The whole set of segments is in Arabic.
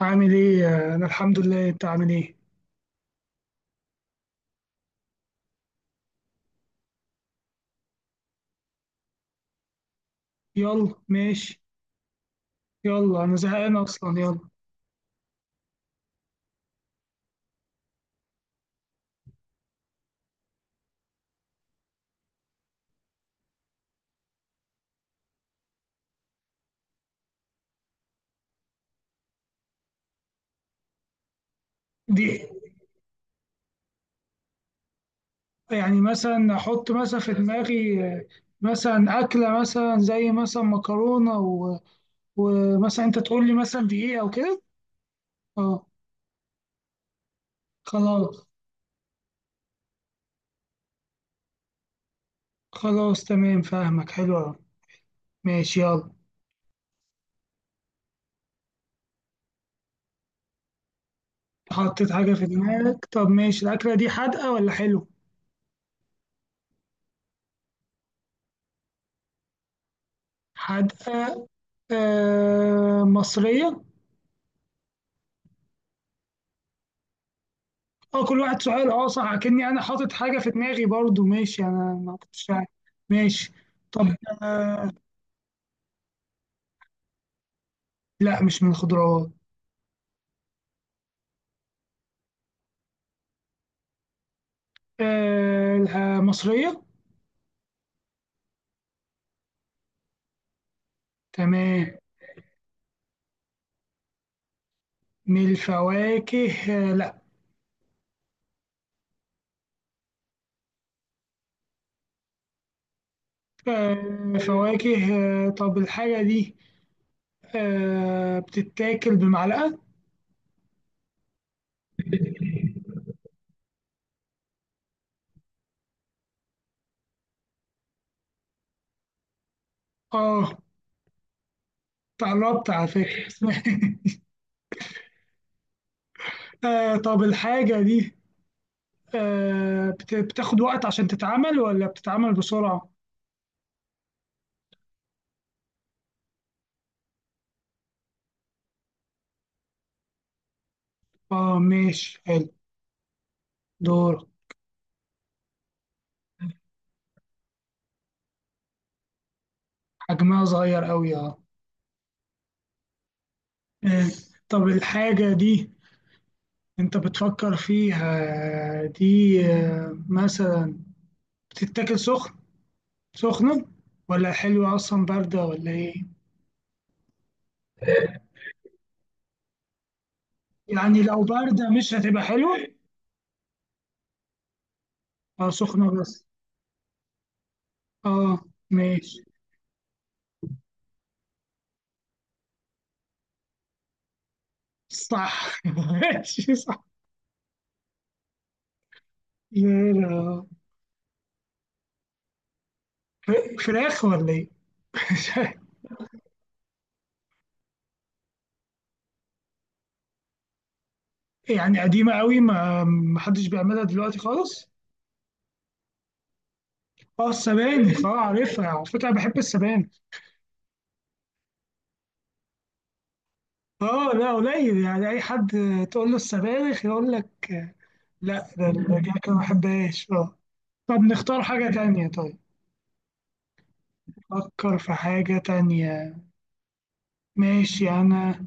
عامل ايه؟ انا الحمد لله، انت عامل ايه؟ يلا ماشي. يلا انا زهقان اصلا، يلا. دي يعني مثلا احط مثلا في دماغي، مثلا اكله مثلا زي مثلا مكرونه ومثلا انت تقول لي مثلا دي ايه او كده. اه، خلاص. خلاص تمام، فاهمك، حلو أوي. ماشي يلا. حطيت حاجه في دماغك؟ طب ماشي. الاكله دي حادقه ولا حلو؟ حادقه. آه مصريه. اه كل واحد سؤال، اه صح، كأني انا حاطط حاجة في دماغي برضو. ماشي، انا ما كنتش عارف. ماشي طب. آه لا، مش من الخضروات. مصرية. تمام. من الفواكه؟ آه لا. آه فواكه. آه طب الحاجة دي بتتاكل بمعلقة؟ اه، قربت على فكرة. آه طب الحاجة دي بتاخد وقت عشان تتعمل ولا بتتعمل بسرعة؟ اه ماشي حلو. دور. حجمها صغير قوي اه. آه، طب الحاجة دي انت بتفكر فيها دي مثلا بتتاكل سخن؟ سخنة ولا حلوة اصلا، باردة ولا ايه؟ يعني لو باردة مش هتبقى حلوة. اه سخنة بس. اه ماشي صح. ماشي صح. لا، لا. فراخ ولا ايه؟ مش عارف. يعني قديمة قوي، ما حدش بيعملها دلوقتي خالص. اه السبانخ، اه عارفها، على فكرة أنا بحب السبانخ. اه لا قليل، يعني اي حد تقول له السبانخ يقول لك لا، ده الكعكه ما بحبهاش اه. طب نختار حاجه تانية طيب. فكر في حاجه تانية. ماشي انا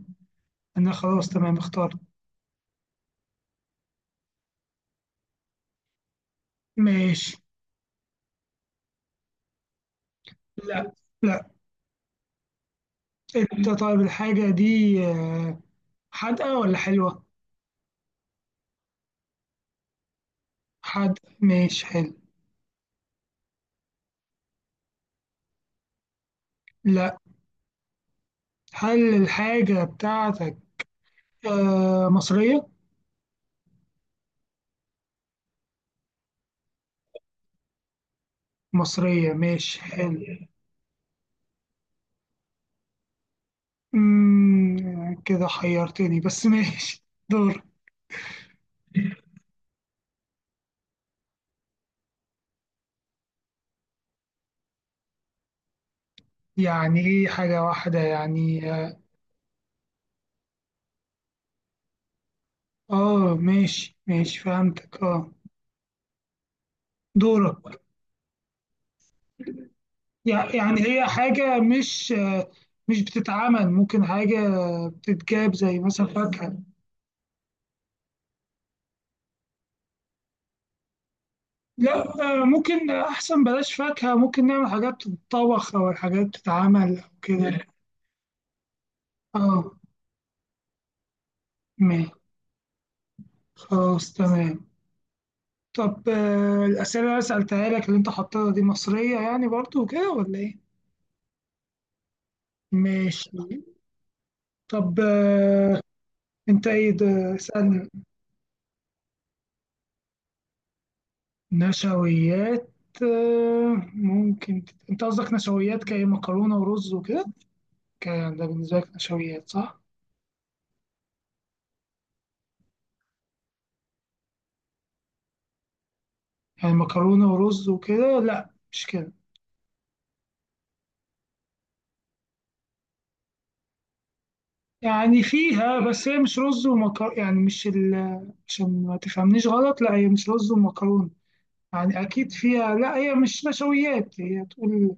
انا خلاص تمام اخترت. ماشي. لا لا. انت طيب الحاجه دي حادقه ولا حلوه؟ حادقه ماشي حلو. لا. هل الحاجه بتاعتك مصريه؟ مصريه ماشي حلو. كده حيرتني، بس ماشي. دور. يعني ايه حاجة واحدة يعني؟ اه ماشي ماشي فهمتك اه. دورك. يعني هي حاجة مش مش بتتعمل، ممكن حاجة بتتجاب زي مثلا فاكهة. لا. ممكن أحسن بلاش فاكهة، ممكن نعمل حاجات تتطبخ أو الحاجات بتتعمل أو كده. اه ماشي خلاص تمام. طب الأسئلة اللي أنا سألتها لك اللي أنت حطيتها دي مصرية يعني برضو وكده ولا إيه؟ ماشي طب. انت ايه ده، اسألني. نشويات؟ ممكن انت قصدك نشويات كايه مكرونة ورز وكده؟ كان ده بالنسبة لك نشويات، صح؟ يعني مكرونة ورز وكده؟ لا مش كده، يعني فيها، بس هي مش رز ومكرونة، يعني مش ال... عشان ما تفهمنيش غلط، لا هي مش رز ومكرونة. يعني اكيد فيها، لا هي مش نشويات، هي تقول.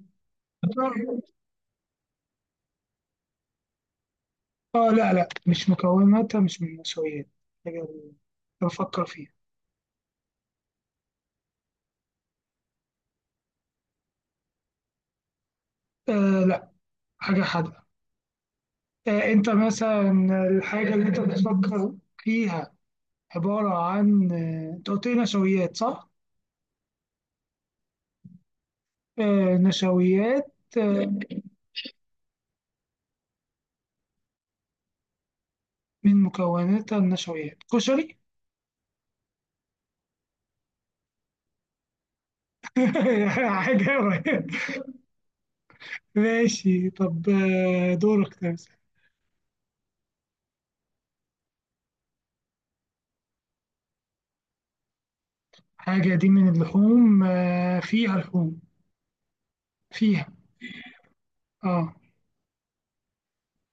اه لا لا، مش مكوناتها مش من النشويات. حاجة بفكر فيها. آه لا، حاجة حادقة. انت مثلا، الحاجة اللي انت بتفكر فيها عبارة عن، انت قلت لي نشويات صح؟ آه، نشويات، من مكوناتها النشويات؟ كشري. حاجة قريب. ماشي طب دورك تمثل. حاجة دي من اللحوم؟ آه فيها لحوم، فيها. اه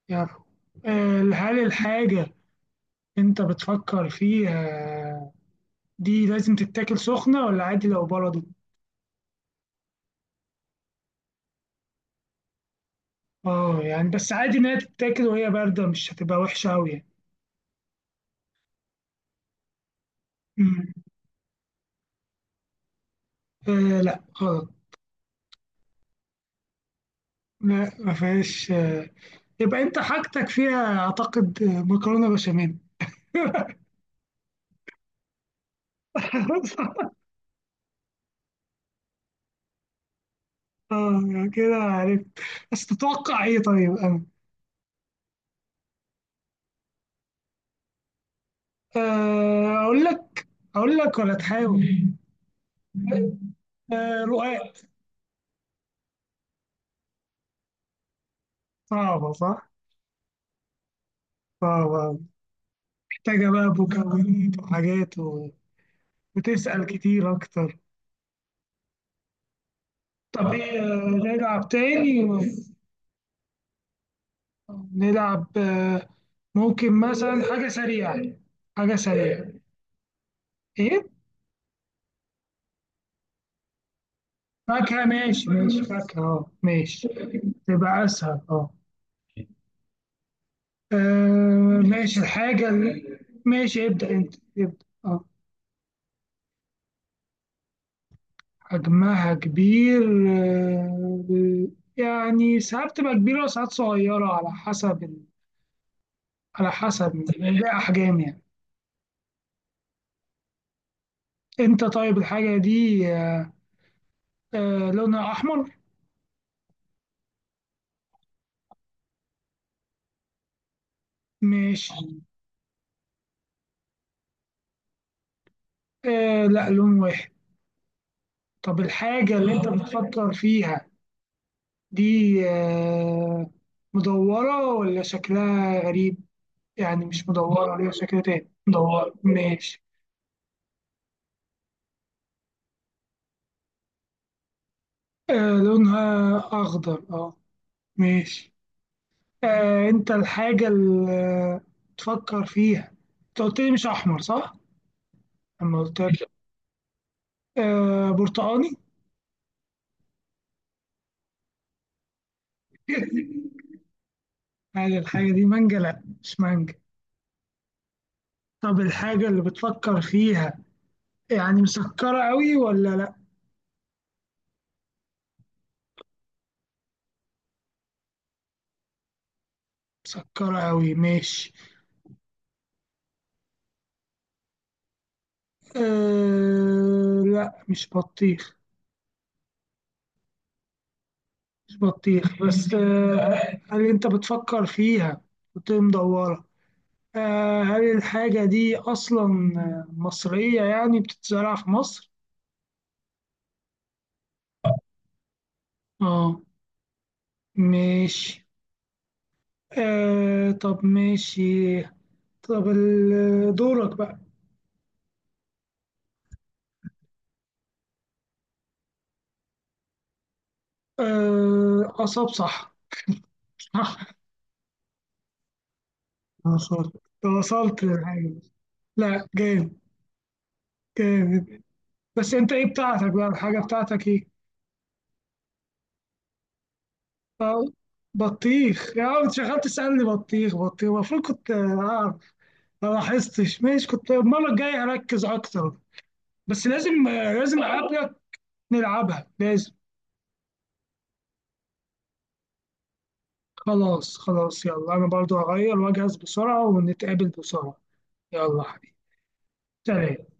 فيها لحوم. هل الحاجة انت بتفكر فيها دي لازم تتاكل سخنة ولا عادي لو بردت؟ اه يعني بس عادي إن هي تتاكل وهي باردة مش هتبقى وحشة أوي يعني. مم. آه لا غلط. لا ما فيهاش آه. يبقى أنت حاجتك فيها، أعتقد، مكرونة بشاميل. اه يعني كده عرفت. بس تتوقع ايه طيب انا؟ آه، اقول لك اقول لك ولا تحاول؟ رقاق. صعبة صح، صعبة. محتاجة بقى مكونات وحاجات وتسأل كتير اكتر. طب ايه، نلعب تاني. نلعب ممكن مثلا حاجة سريعة. حاجة سريعة. إيه؟ فاكهة ماشي ماشي فاكهة، أه ماشي تبقى أسهل أه. آه، ماشي ماشي ابدأ، أنت ابدأ أه. حجمها كبير؟ آه، يعني ساعات تبقى كبيرة وساعات صغيرة، على حسب الأحجام يعني. أنت طيب الحاجة دي لونها أحمر؟ ماشي. آه لا، لون واحد. طب الحاجة اللي أنت بتفكر فيها دي آه، مدورة ولا شكلها غريب؟ يعني مش مدورة ليها شكل تاني، مدورة ماشي. آه لونها أخضر أه ماشي. أنت الحاجة اللي تفكر فيها، أنت قلت لي مش أحمر صح؟ لما قلت لك برتقاني. هل الحاجة دي مانجا؟ لأ مش مانجا. طب الحاجة اللي بتفكر فيها، يعني مسكرة أوي ولا لأ؟ مسكرة أوي ماشي. أه لا، مش بطيخ. مش بطيخ، بس أه هل أنت بتفكر فيها وتقوم مدورة؟ هل الحاجة دي أصلا مصرية يعني، بتتزرع في مصر؟ اه ماشي. أه طب ماشي. طب دورك بقى. أه أصاب صح. صح. وصلت وصلت للحاجة. لا جامد. جامد. بس أنت إيه بتاعتك بقى؟ الحاجة بتاعتك إيه؟ أو بطيخ؟ يا عم انت شغال تسألني بطيخ بطيخ، المفروض كنت ما لاحظتش. ماشي، كنت المرة الجاية أركز أكتر. بس لازم، لازم أقابلك. نلعبها لازم. خلاص خلاص يلا، أنا برضو هغير وأجهز بسرعة، ونتقابل بسرعة. يلا حبيبي. سلام.